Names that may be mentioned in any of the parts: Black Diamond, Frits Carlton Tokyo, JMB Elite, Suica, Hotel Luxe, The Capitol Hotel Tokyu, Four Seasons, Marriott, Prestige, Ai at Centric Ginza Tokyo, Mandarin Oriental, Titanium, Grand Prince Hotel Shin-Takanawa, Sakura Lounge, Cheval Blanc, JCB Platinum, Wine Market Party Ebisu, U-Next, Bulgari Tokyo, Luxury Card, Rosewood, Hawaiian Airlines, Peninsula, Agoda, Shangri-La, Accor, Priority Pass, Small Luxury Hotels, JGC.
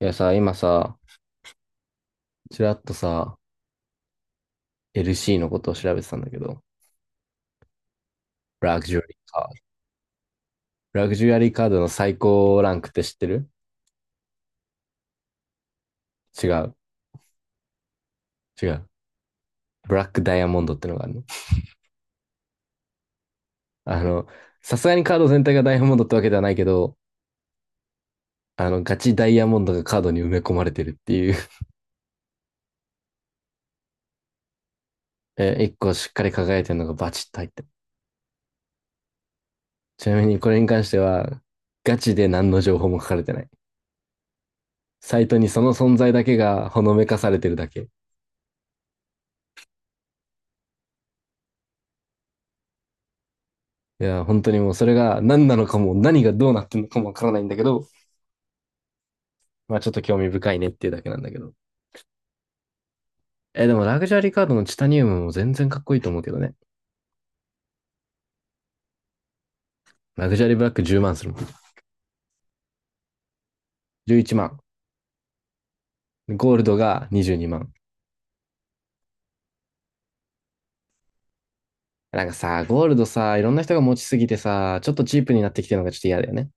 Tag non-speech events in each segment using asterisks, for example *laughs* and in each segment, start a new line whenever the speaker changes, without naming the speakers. いやさ、今さ、ちらっとさ、LC のことを調べてたんだけど、ラグジュアリーカード。ラグジュアリーカードの最高ランクって知ってる？違う、違う。ブラックダイヤモンドってのがあるの。あの、さすがにカード全体がダイヤモンドってわけではないけど、ガチダイヤモンドがカードに埋め込まれてるっていう。 *laughs* え、一個しっかり輝いてるのがバチッと入ってる。ちなみにこれに関しては、ガチで何の情報も書かれてない。サイトにその存在だけがほのめかされてるだけ。いや、本当にもうそれが何なのかも、何がどうなってんのかもわからないんだけど、まあちょっと興味深いねっていうだけなんだけど。え、でもラグジュアリーカードのチタニウムも全然かっこいいと思うけどね。ラグジュアリーブラック10万するもん。11万。ゴールドが22万。なんかさ、ゴールドさ、いろんな人が持ちすぎてさ、ちょっとチープになってきてるのがちょっと嫌だよね。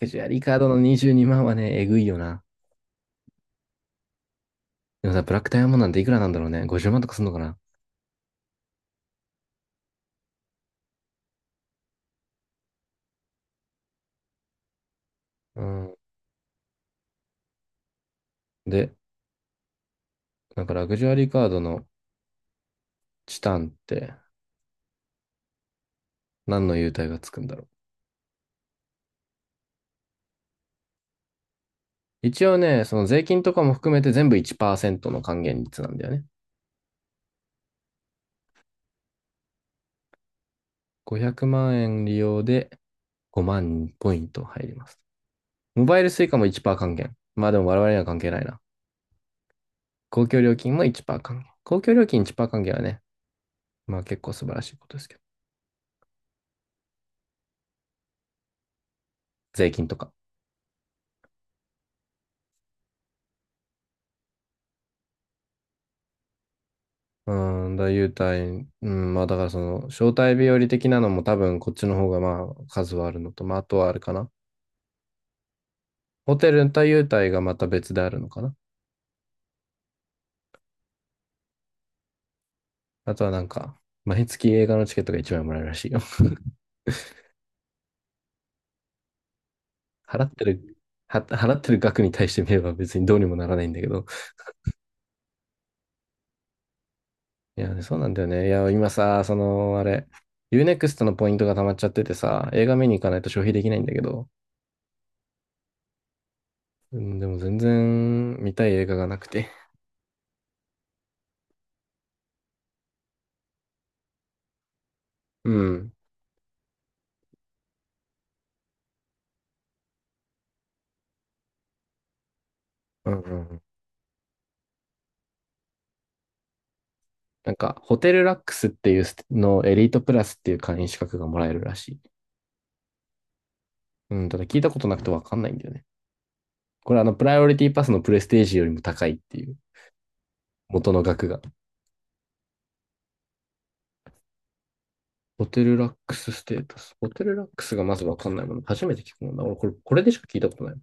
ラグジュアリーカードの22万はね、えぐいよな。でもさ、ブラックダイヤモンドなんていくらなんだろうね。50万とかすんのかな。うん。で、なんかラグジュアリーカードのチタンって何の優待がつくんだろう。一応ね、その税金とかも含めて全部1%の還元率なんだよね。500万円利用で5万ポイント入ります。モバイル s u i も1%還元。まあでも我々には関係ないな。公共料金も1%還元。公共料金1%還元はね、まあ結構素晴らしいことですけど。税金とか。優待、うん、まあだからその、招待日和的なのも多分こっちの方がまあ数はあるのと、まああとはあるかな。ホテルと優待がまた別であるのかな。あとはなんか、毎月映画のチケットが一枚もらえるらしいよ。*laughs* 払ってる、払ってる額に対して見れば別にどうにもならないんだけど。いや、そうなんだよね。いや、今さ、その、あれ、ユーネクストのポイントが溜まっちゃっててさ、映画見に行かないと消費できないんだけど。うん、でも全然見たい映画がなくて。うん。うんうんうん。なんか、ホテルラックスっていうのエリートプラスっていう会員資格がもらえるらしい。うん、ただ聞いたことなくてわかんないんだよね。これプライオリティパスのプレステージよりも高いっていう、元の額が。ホテルラックスステータス。ホテルラックスがまずわかんないもの。初めて聞くもんだ。俺、これでしか聞いたことない。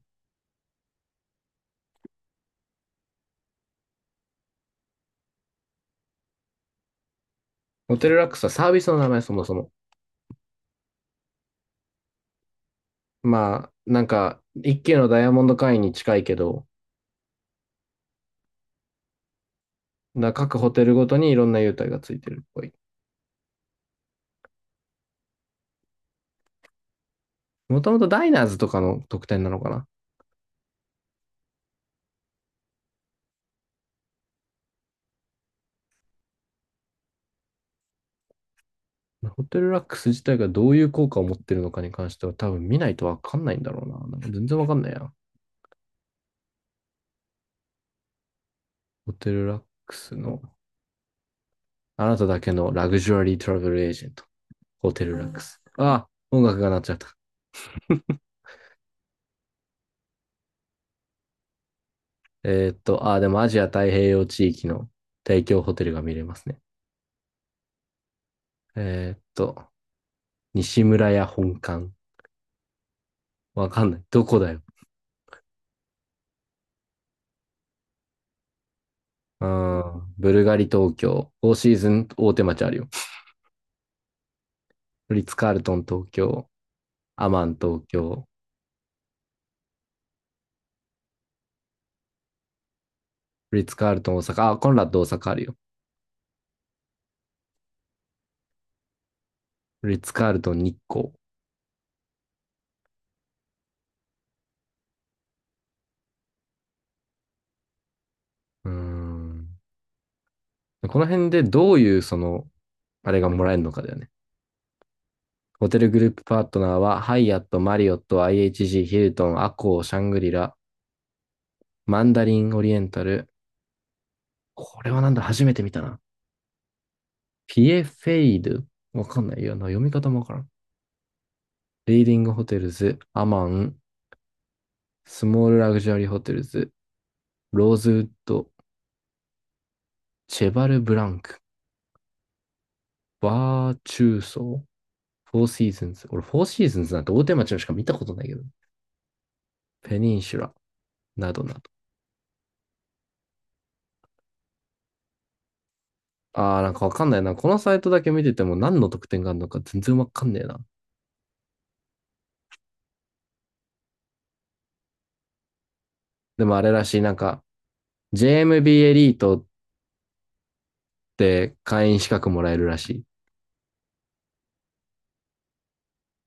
ホテルラックスはサービスの名前、そもそも。まあ、なんか、一級のダイヤモンド会員に近いけど、各ホテルごとにいろんな優待がついてるっぽい。もともとダイナーズとかの特典なのかな。ホテルラックス自体がどういう効果を持ってるのかに関しては多分見ないとわかんないんだろうな。なんか全然わかんないや。ホテルラックスの、あなただけのラグジュアリートラベルエージェント。ホテルラックス。ああ、音楽が鳴っちゃった。でもアジア太平洋地域の提供ホテルが見れますね。えーっと、西村屋本館。わかんない。どこだよ。うーん、ブルガリ東京。フォーシーズン大手町あるよ。フリッツカールトン東京。アマン東京。フリッツカールトン大阪。あ、コンラッド大阪あるよ。フリッツカールトン日光。うーん。この辺でどういうその、あれがもらえるのかだよね。ホテルグループパートナーは、ハイアット、マリオット、IHG、ヒルトン、アコー、シャングリラ、マンダリンオリエンタル。これはなんだ、初めて見たな。ピエフェイドわかんないよな。読み方もわからん。リーディングホテルズ、アマン、スモールラグジュアリーホテルズ、ローズウッド、チェバルブランク、バーチューソー、フォーシーズンズ。俺、フォーシーズンズなんて大手町のしか見たことないけど。ペニンシュラ、などなど。なんかわかんないな。このサイトだけ見てても何の特典があるのか全然わかんねえな。でもあれらしい、なんか、JMB エムビーエリートって会員資格もらえるらしい。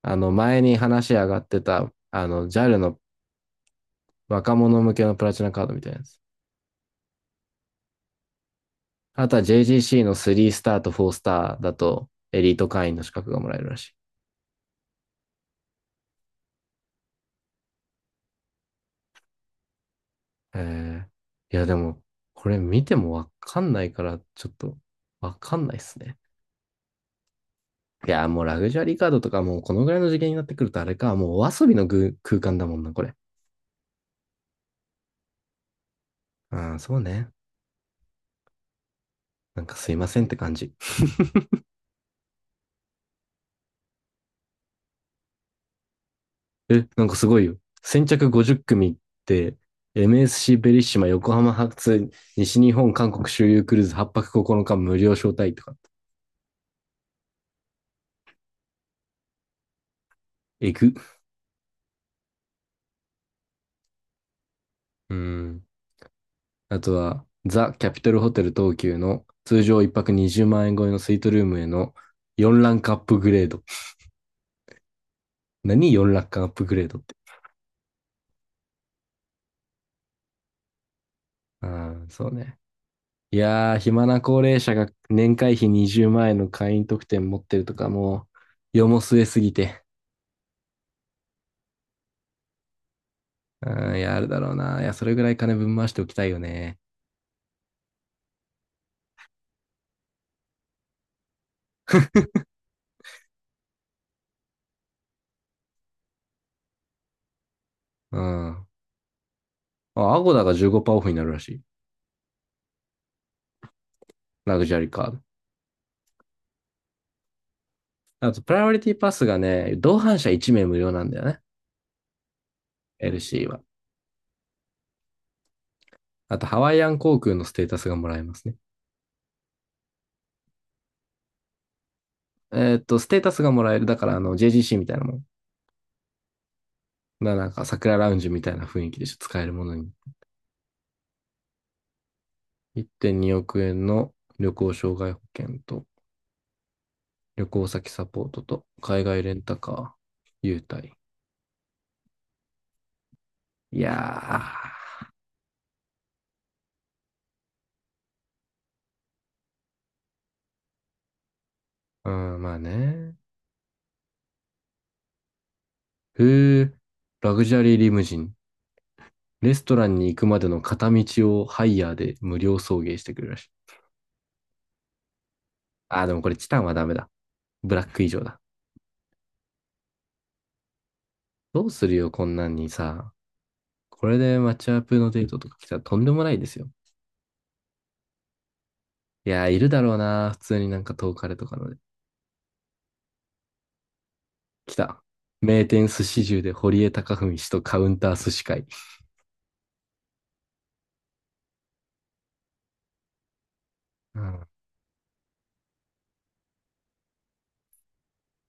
前に話上がってた、JAL の若者向けのプラチナカードみたいなやつ。あとは JGC の3スターと4スターだと、エリート会員の資格がもらえるらしい。えいや、でも、これ見てもわかんないから、ちょっと、わかんないっすね。いや、もうラグジュアリーカードとかもうこのぐらいの次元になってくるとあれか、もうお遊びのぐ空間だもんな、これ。うん、そうね。なんかすいませんって感じ。え、なんかすごいよ。先着50組って、MSC ベリッシマ横浜発西日本韓国周遊クルーズ8泊9日無料招待とか。えぐ。うん。あとは、ザ・キャピトルホテル東急の通常1泊20万円超えのスイートルームへの4ランクアップグレード。何？ 4 ランクアップグレードって。うん、そうね。いやー、暇な高齢者が年会費20万円の会員特典持ってるとかもう、世も末すぎて。うん、いや、あるだろうな。いや、それぐらい金ぶん回しておきたいよね。うん。あ、アゴダが15%オフになるらしい。ラグジュアリーカード。あと、プライオリティパスがね、同伴者1名無料なんだよね。LC は。あと、ハワイアン航空のステータスがもらえますね。ステータスがもらえる。だから、JGC みたいなもん。なんか、桜ラウンジみたいな雰囲気でしょ使えるものに。1.2億円の旅行障害保険と、旅行先サポートと、海外レンタカー、優待。いやー。うん、まあね。へえ、ラグジュアリーリムジン。レストランに行くまでの片道をハイヤーで無料送迎してくれるらしい。でもこれチタンはダメだ。ブラック以上だ。どうするよ、こんなんにさ。これでマッチアップのデートとか来たらとんでもないですよ。いやー、いるだろうな。普通になんか遠かれとかので。来た。名店寿司中で堀江貴文氏とカウンター寿司会。うん。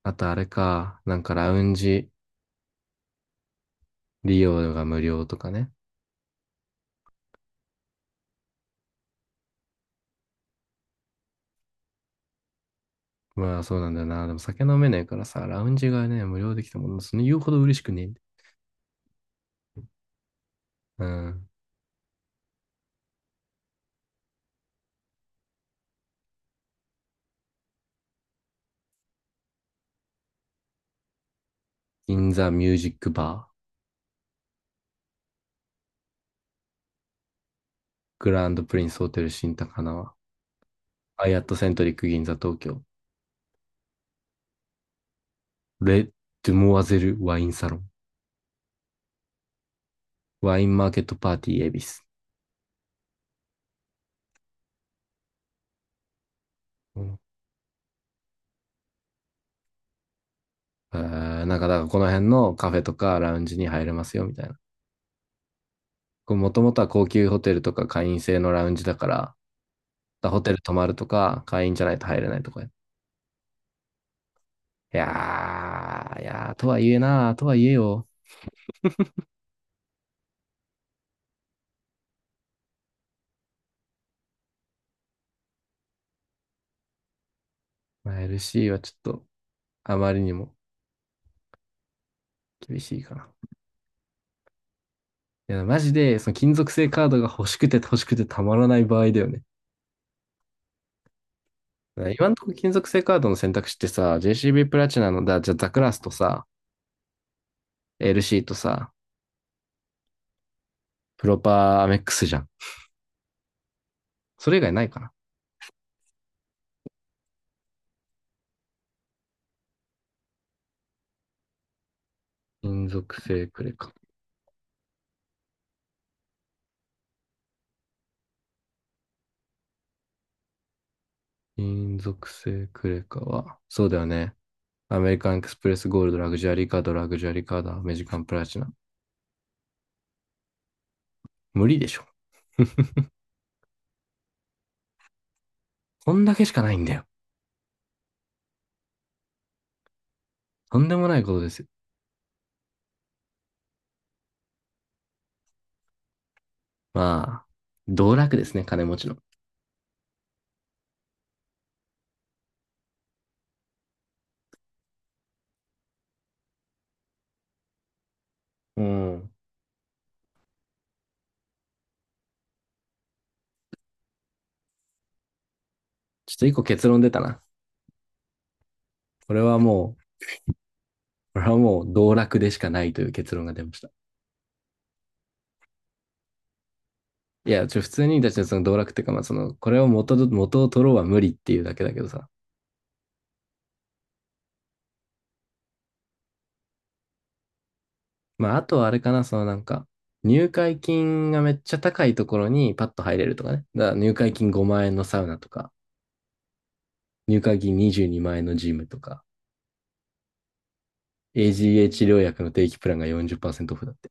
あとあれか。なんかラウンジ利用が無料とかね。まあそうなんだよな。でも酒飲めないからさ、ラウンジがね、無料できたもの、その言うほど嬉しくねえんだよ。うん。銀座ミュージックバー、グランドプリンスホテル新高輪、アイアットセントリック銀座東京、レッドモアゼルワインサロン、ワインマーケットパーティー恵比寿。うん。えなんか、だからこの辺のカフェとかラウンジに入れますよ、みたいな。もともとは高級ホテルとか会員制のラウンジだから、ホテル泊まるとか、会員じゃないと入れないとか。いやー、いやー、とはいえな、とはいえよ。まあ、LC はちょっとあまりにも厳しいかな。いや、マジで、その金属製カードが欲しくて欲しくてたまらない場合だよね。今のとこ金属製カードの選択肢ってさ、JCB プラチナの、じゃあザクラスとさ、LC とさ、プロパーアメックスじゃん。それ以外ないかな。金属製クレカ。金属製クレカは、そうだよね。アメリカンエクスプレスゴールド、ラグジュアリーカード、ラグジュアリーカード、アメジカンプラチナ。無理でしょ。こんだけしかないんだよ。とんでもないことですよ。まあ、道楽ですね、金持ちの。うん。ちょっと一個結論出たな。これはもう、これはもう道楽でしかないという結論が出ました。いや、普通に、だってその道楽っていうか、まあその、これを元を取ろうは無理っていうだけだけどさ。まあ、あとはあれかな、そのなんか、入会金がめっちゃ高いところにパッと入れるとかね。だから入会金5万円のサウナとか、入会金22万円のジムとか、a g h 治療薬の定期プランが40%オフだって。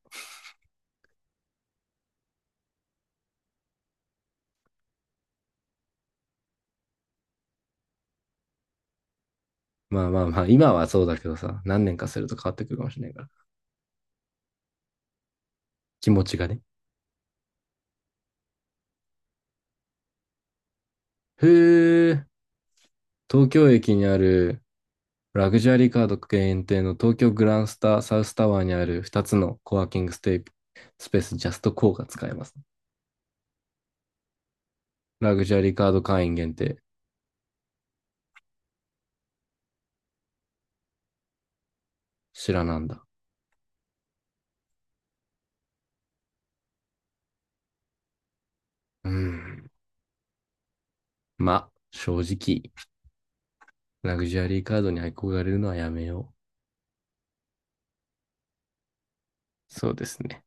まあまあまあ、今はそうだけどさ、何年かすると変わってくるかもしれないから。気持ちがね。へえ、東京駅にあるラグジュアリーカード限定の東京グランスタサウスタワーにある2つのコワーキングステイスペースジャストコーが使えます。ラグジュアリーカード会員限定。知らなんだ。うーん。まあ、正直、ラグジュアリーカードに憧れるのはやめよう。そうですね。